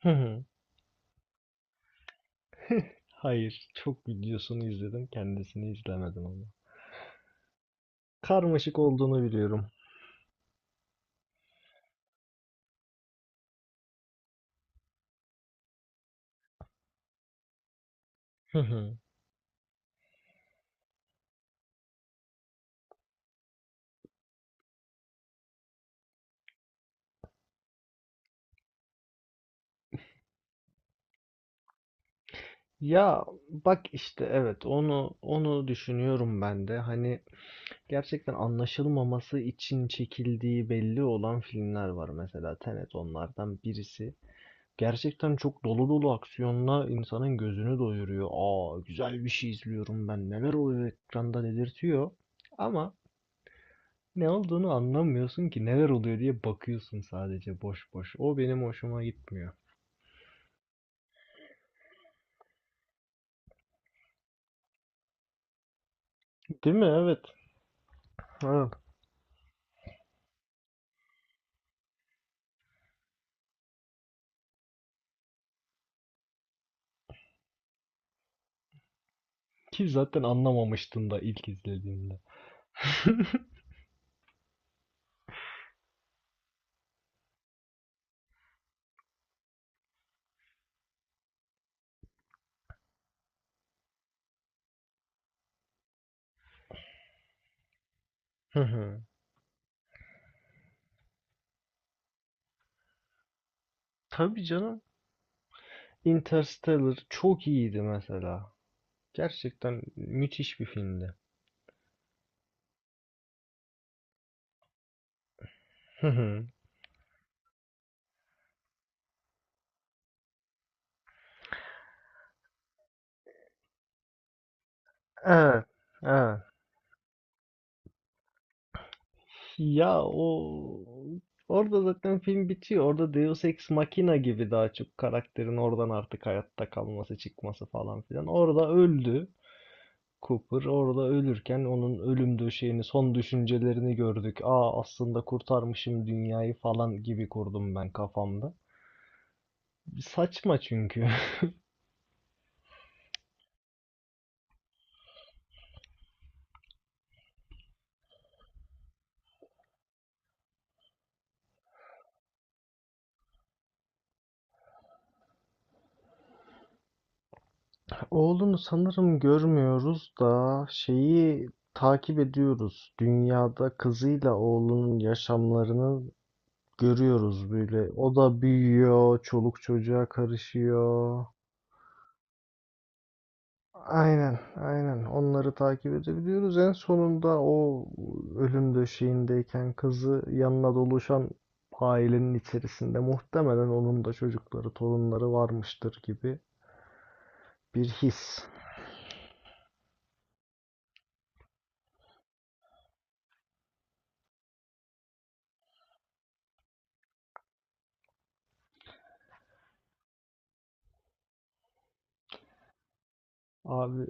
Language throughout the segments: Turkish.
Hı hı. Hayır, çok videosunu izledim, kendisini izlemedim ama. Karmaşık olduğunu biliyorum. Hı hı. Ya bak işte evet onu düşünüyorum ben de. Hani gerçekten anlaşılmaması için çekildiği belli olan filmler var, mesela Tenet onlardan birisi. Gerçekten çok dolu dolu aksiyonla insanın gözünü doyuruyor. Aa, güzel bir şey izliyorum ben. Neler oluyor ekranda dedirtiyor. Ama ne olduğunu anlamıyorsun ki, neler oluyor diye bakıyorsun sadece boş boş. O benim hoşuma gitmiyor. Değil mi? Evet. Ha. Ki zaten anlamamıştın da ilk izlediğinde. Tabii canım. Interstellar çok iyiydi mesela. Gerçekten müthiş bir filmdi. Hı hı. Evet, evet. Ya o, orada zaten film bitiyor. Orada Deus Ex Machina gibi daha çok karakterin oradan artık hayatta kalması, çıkması falan filan. Orada öldü. Cooper orada ölürken onun ölüm döşeğini, son düşüncelerini gördük. Aa, aslında kurtarmışım dünyayı falan gibi kurdum ben kafamda. Saçma çünkü. Oğlunu sanırım görmüyoruz da şeyi takip ediyoruz. Dünyada kızıyla oğlunun yaşamlarını görüyoruz böyle. O da büyüyor, çoluk çocuğa karışıyor. Aynen, aynen. Onları takip edebiliyoruz. En sonunda o ölüm döşeğindeyken kızı yanına doluşan ailenin içerisinde muhtemelen onun da çocukları, torunları varmıştır gibi bir his. Abi,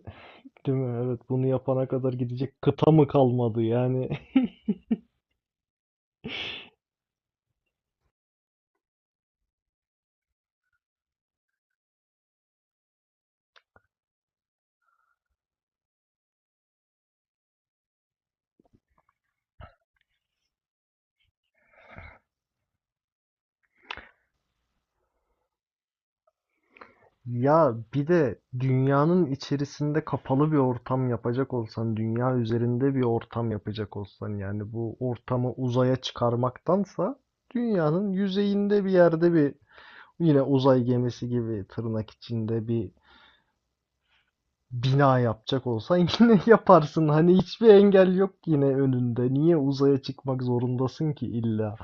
değil mi? Evet, bunu yapana kadar gidecek kıta mı kalmadı yani? Ya bir de dünyanın içerisinde kapalı bir ortam yapacak olsan, dünya üzerinde bir ortam yapacak olsan, yani bu ortamı uzaya çıkarmaktansa dünyanın yüzeyinde bir yerde bir, yine uzay gemisi gibi tırnak içinde bir bina yapacak olsan yine yaparsın. Hani hiçbir engel yok yine önünde. Niye uzaya çıkmak zorundasın ki illa?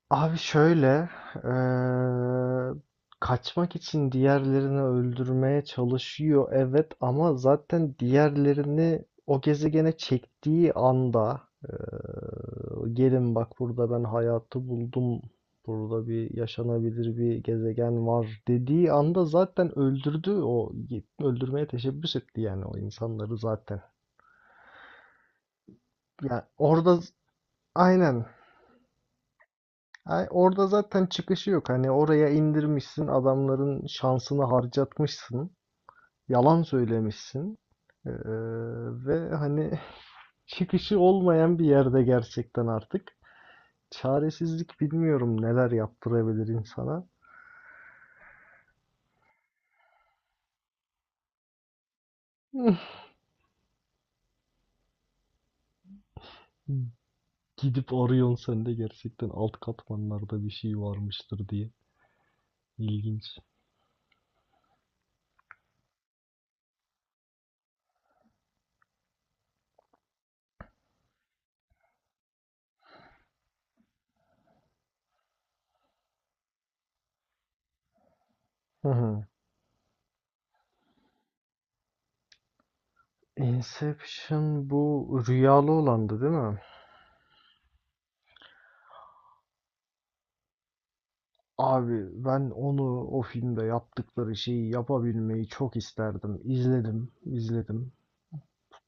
Abi şöyle, eee, kaçmak için diğerlerini öldürmeye çalışıyor evet, ama zaten diğerlerini o gezegene çektiği anda, eee, gelin bak burada ben hayatı buldum, burada bir yaşanabilir bir gezegen var dediği anda zaten öldürdü, o öldürmeye teşebbüs etti yani o insanları zaten. Yani orada aynen. Ay, orada zaten çıkışı yok. Hani oraya indirmişsin, adamların şansını harcatmışsın, yalan söylemişsin. Ee, ve hani çıkışı olmayan bir yerde gerçekten artık. Çaresizlik bilmiyorum neler yaptırabilir insana. Gidip arıyorsun sen de gerçekten alt katmanlarda bir şey varmıştır diye. İlginç. Hı hı. Inception bu rüyalı olandı değil mi? Abi ben onu, o filmde yaptıkları şeyi yapabilmeyi çok isterdim. İzledim, izledim.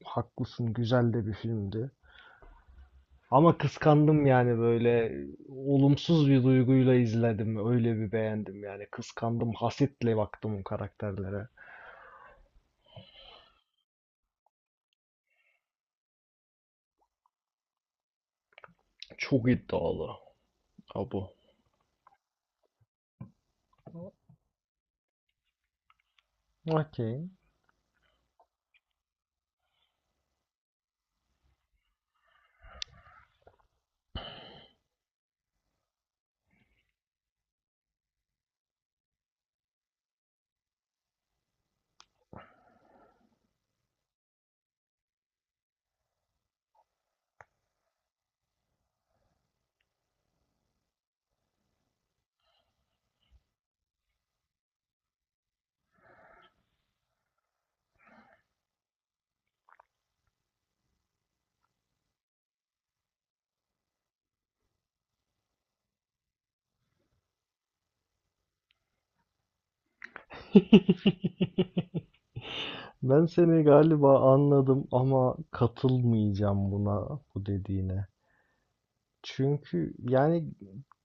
Haklısın, güzel de bir filmdi. Ama kıskandım yani, böyle olumsuz bir duyguyla izledim. Öyle bir beğendim yani. Kıskandım, hasetle baktım o karakterlere. Çok iddialı. Abu. Okey. Ben seni galiba anladım ama katılmayacağım buna, bu dediğine. Çünkü yani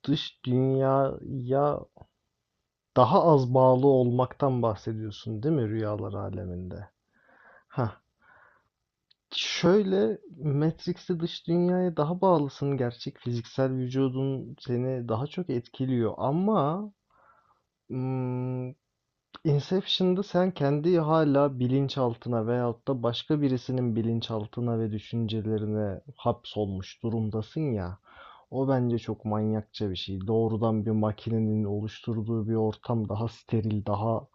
dış dünyaya daha az bağlı olmaktan bahsediyorsun değil mi, rüyalar aleminde? Ha. Şöyle, Matrix'te dış dünyaya daha bağlısın. Gerçek fiziksel vücudun seni daha çok etkiliyor ama, hmm, Inception'da sen kendi hala bilinçaltına veyahut da başka birisinin bilinçaltına ve düşüncelerine hapsolmuş durumdasın ya. O bence çok manyakça bir şey. Doğrudan bir makinenin oluşturduğu bir ortam daha steril, daha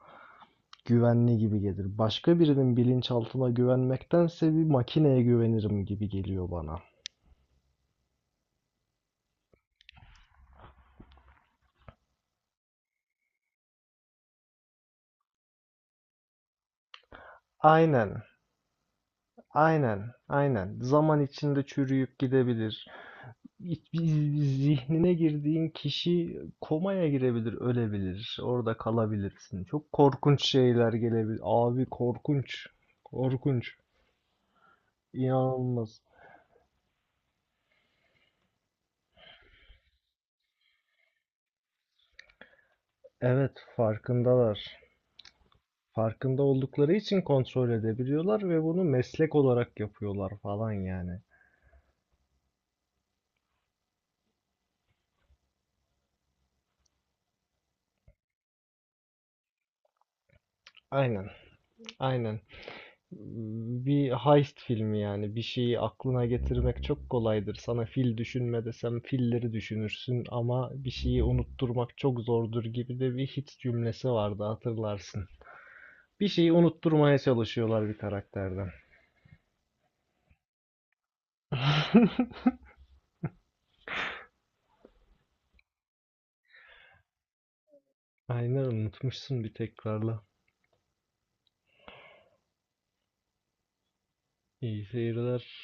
güvenli gibi gelir. Başka birinin bilinçaltına güvenmektense bir makineye güvenirim gibi geliyor bana. Aynen, aynen, aynen. Zaman içinde çürüyüp gidebilir. Zihnine girdiğin kişi komaya girebilir, ölebilir. Orada kalabilirsin. Çok korkunç şeyler gelebilir. Abi korkunç. Korkunç. İnanılmaz. Evet, farkındalar. Farkında oldukları için kontrol edebiliyorlar ve bunu meslek olarak yapıyorlar falan yani. Aynen, aynen. Bir heist filmi yani. Bir şeyi aklına getirmek çok kolaydır. Sana fil düşünme desem filleri düşünürsün, ama bir şeyi unutturmak çok zordur gibi de bir hit cümlesi vardı, hatırlarsın. Bir şeyi unutturmaya çalışıyorlar bir karakterden. Aynen, unutmuşsun bir tekrarla. İyi seyirler.